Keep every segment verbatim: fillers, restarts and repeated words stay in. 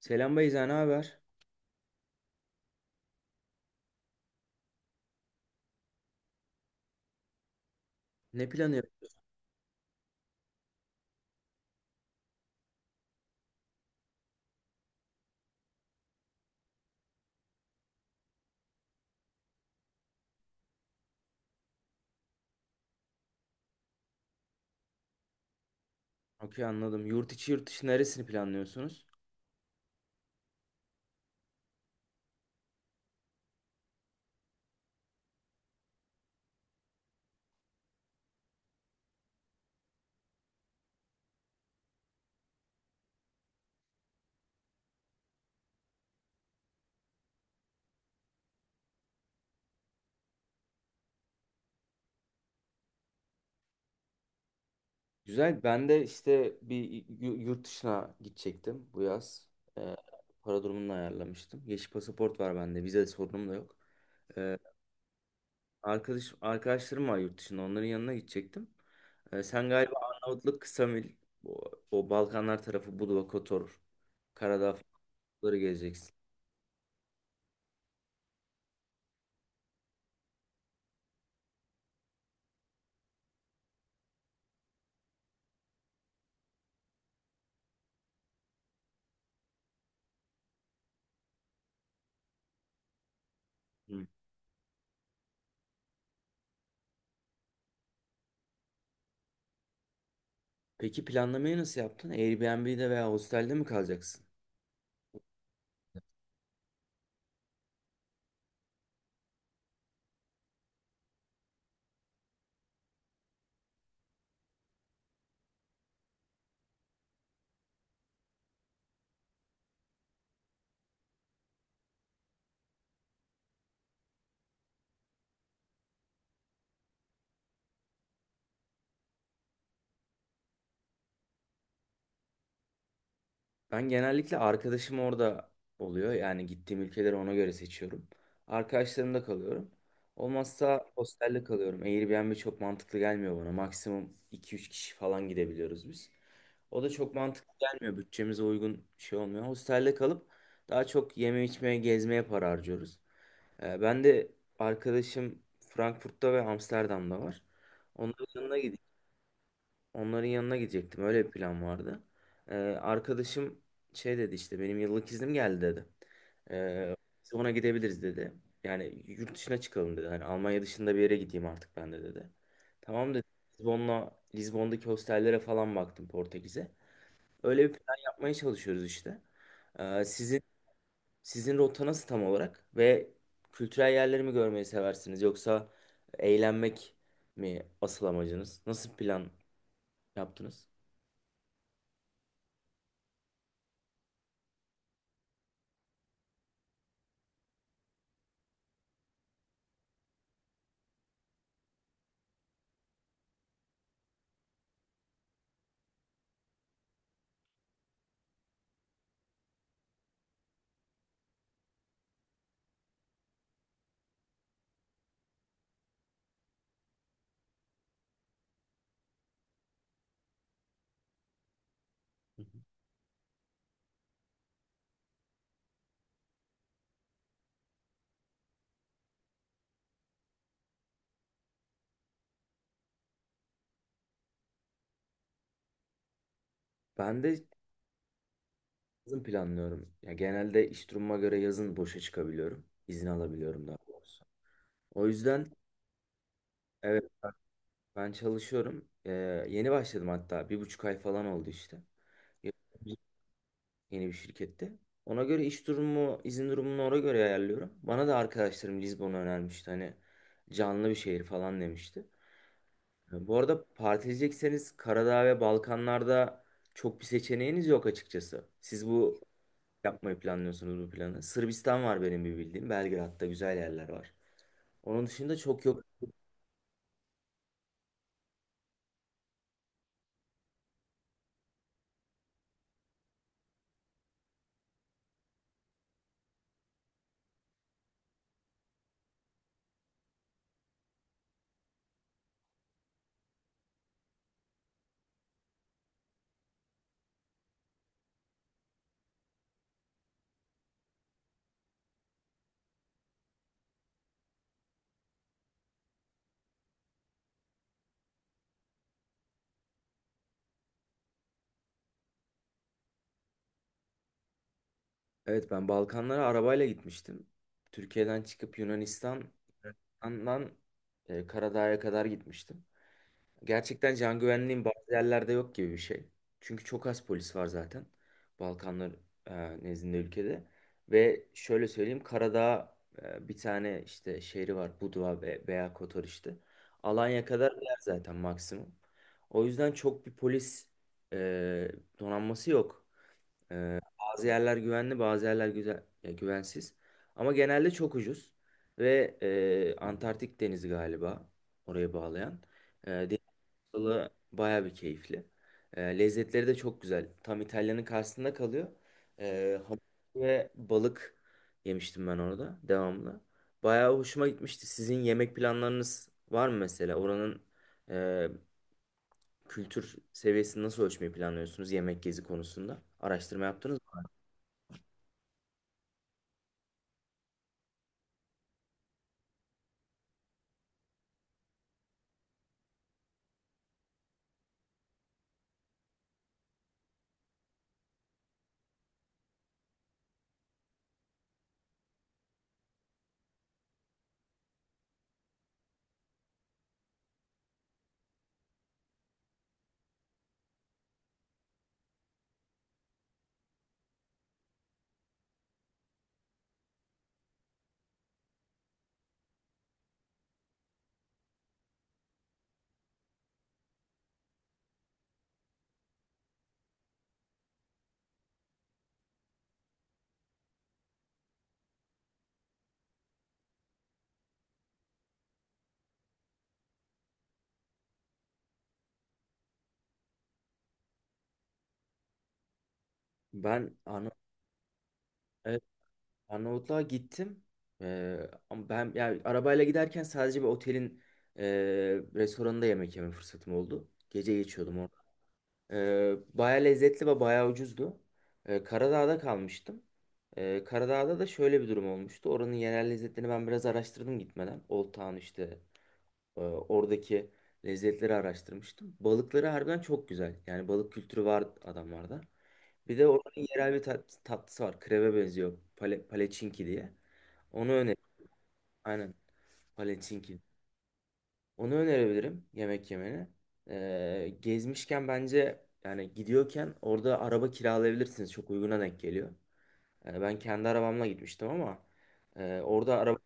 Selam Beyza, ne haber? Ne planı yapıyorsun? Okey anladım. Yurt içi yurt dışı neresini planlıyorsunuz? Güzel. Ben de işte bir yu- yurt dışına gidecektim bu yaz. Ee, Para durumunu ayarlamıştım. Yeşil pasaport var bende. Vize sorunum da yok. Ee, arkadaş arkadaşlarım var yurt dışında. Onların yanına gidecektim. Ee, sen galiba Arnavutluk, Ksamil, o, o Balkanlar tarafı Budva, Kotor, Karadağ falanları gezeceksin. Hı. Peki planlamayı nasıl yaptın? Airbnb'de veya hostelde mi kalacaksın? Ben genellikle arkadaşım orada oluyor. Yani gittiğim ülkeleri ona göre seçiyorum. Arkadaşlarımda kalıyorum. Olmazsa hostelde kalıyorum. Airbnb çok mantıklı gelmiyor bana. Maksimum iki üç kişi falan gidebiliyoruz biz. O da çok mantıklı gelmiyor. Bütçemize uygun şey olmuyor. Hostelde kalıp daha çok yeme içmeye, gezmeye para harcıyoruz. Ee, Ben de arkadaşım Frankfurt'ta ve Amsterdam'da var. Onların yanına gideyim. Onların yanına gidecektim. Öyle bir plan vardı. Ee, Arkadaşım şey dedi işte benim yıllık iznim geldi dedi. Ee, Biz ona gidebiliriz dedi. Yani yurt dışına çıkalım dedi. Hani Almanya dışında bir yere gideyim artık ben de dedi. Tamam dedi. Lizbon'la Lizbon'daki hostellere falan baktım Portekiz'e. Öyle bir plan yapmaya çalışıyoruz işte. Ee, sizin sizin rota nasıl tam olarak ve kültürel yerleri mi görmeyi seversiniz yoksa eğlenmek mi asıl amacınız? Nasıl plan yaptınız? Ben de yazın planlıyorum. Ya genelde iş durumuma göre yazın boşa çıkabiliyorum. İzin alabiliyorum daha doğrusu. O yüzden evet, ben çalışıyorum. Ee, yeni başladım hatta. Bir buçuk ay falan oldu işte. Yeni bir şirkette. Ona göre iş durumu, izin durumunu ona göre ayarlıyorum. Bana da arkadaşlarım Lizbon'u önermişti. Hani canlı bir şehir falan demişti. Bu arada partileyecekseniz Karadağ ve Balkanlarda çok bir seçeneğiniz yok açıkçası. Siz bu yapmayı planlıyorsunuz bu planı? Sırbistan var benim bir bildiğim. Belgrad'da güzel yerler var. Onun dışında çok yok. Evet, ben Balkanlara arabayla gitmiştim. Türkiye'den çıkıp Yunanistan'dan e, Karadağ'a kadar gitmiştim. Gerçekten can güvenliğin bazı yerlerde yok gibi bir şey. Çünkü çok az polis var zaten. Balkanlar e, nezdinde ülkede. Ve şöyle söyleyeyim, Karadağ e, bir tane işte şehri var. Budva ve veya Kotor işte. Alanya kadar yer zaten maksimum. O yüzden çok bir polis e, donanması yok. Bazı yerler güvenli, bazı yerler güzel, ya güvensiz. Ama genelde çok ucuz ve e, Antarktik Denizi galiba oraya bağlayan. E, deniz yolu baya bir keyifli. E, lezzetleri de çok güzel. Tam İtalya'nın karşısında kalıyor. E, hamur ve balık yemiştim ben orada devamlı. Bayağı hoşuma gitmişti. Sizin yemek planlarınız var mı mesela? Oranın e, kültür seviyesini nasıl ölçmeyi planlıyorsunuz yemek gezi konusunda? Araştırma yaptınız mı? Ben Arnavutluk'ta Evet, Arnavutluğa gittim. Ee, Ama ben yani arabayla giderken sadece bir otelin e, restoranında yemek yeme fırsatım oldu. Gece geçiyordum orada. Ee, baya lezzetli ve baya ucuzdu. Ee, Karadağ'da kalmıştım. Ee, Karadağ'da da şöyle bir durum olmuştu. Oranın yerel lezzetlerini ben biraz araştırdım gitmeden. Old Town işte e, oradaki lezzetleri araştırmıştım. Balıkları harbiden çok güzel. Yani balık kültürü var adamlarda. Bir de oranın yerel bir tat- tatlısı var. Kreve benziyor. Pale, paleçinki diye. Onu öner. Aynen. Paleçinki. Onu önerebilirim yemek yemeni. Ee, gezmişken bence yani gidiyorken orada araba kiralayabilirsiniz. Çok uyguna denk geliyor. Yani ben kendi arabamla gitmiştim ama e, orada araba.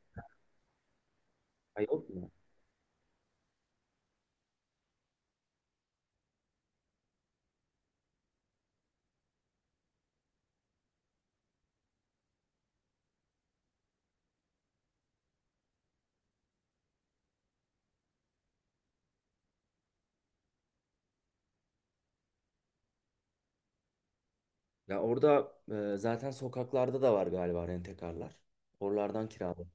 Ay, yok mu? Ya orada e, zaten sokaklarda da var galiba rentekarlar. Oralardan kiralı.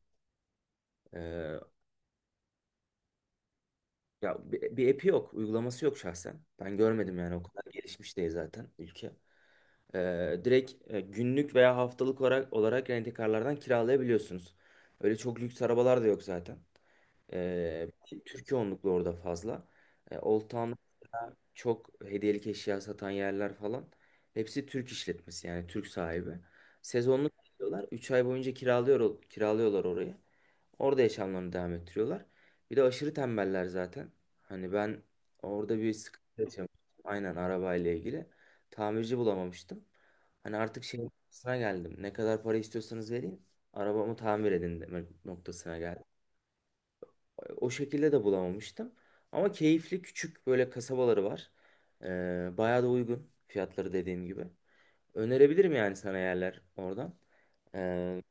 Ya bir, bir app'i yok, uygulaması yok şahsen. Ben görmedim yani o kadar gelişmiş değil zaten ülke. Ee, direkt e, günlük veya haftalık olarak, olarak rent-a-car'lardan kiralayabiliyorsunuz. Öyle çok lüks arabalar da yok zaten. Ee, Türkiye onluklu orada fazla. Ee, Old Town çok hediyelik eşya satan yerler falan hepsi Türk işletmesi yani Türk sahibi. Sezonluk yapıyorlar. Üç ay boyunca kiralıyor, kiralıyorlar orayı. Orada yaşamlarını devam ettiriyorlar. Bir de aşırı tembeller zaten. Hani ben orada bir sıkıntı yaşamıştım. Aynen arabayla ilgili. Tamirci bulamamıştım. Hani artık şey noktasına geldim. Ne kadar para istiyorsanız vereyim. Arabamı tamir edin demek noktasına geldim. O şekilde de bulamamıştım. Ama keyifli küçük böyle kasabaları var. Ee, bayağı da uygun fiyatları dediğim gibi. Önerebilirim yani sana yerler oradan. Ee,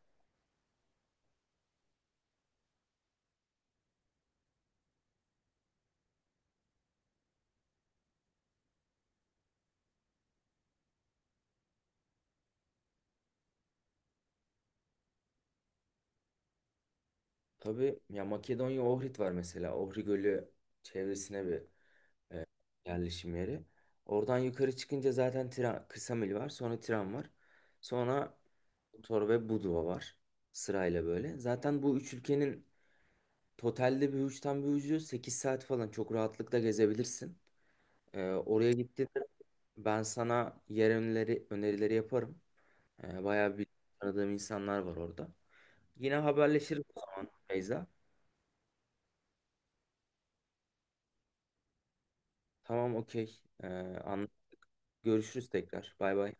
tabii ya, Makedonya Ohrid var mesela. Ohri Gölü çevresine bir e, yerleşim yeri. Oradan yukarı çıkınca zaten tren, kısa var. Sonra tren var. Sonra Kotor ve Budva var. Sırayla böyle. Zaten bu üç ülkenin totalde bir uçtan bir ucu sekiz saat falan çok rahatlıkla gezebilirsin. Ee, oraya gittiğinde ben sana yer önerileri, önerileri yaparım. Ee, bayağı bir tanıdığım insanlar var orada. Yine haberleşiriz o zaman Beyza. Tamam, okey. Ee, anla- Görüşürüz tekrar. Bay bay.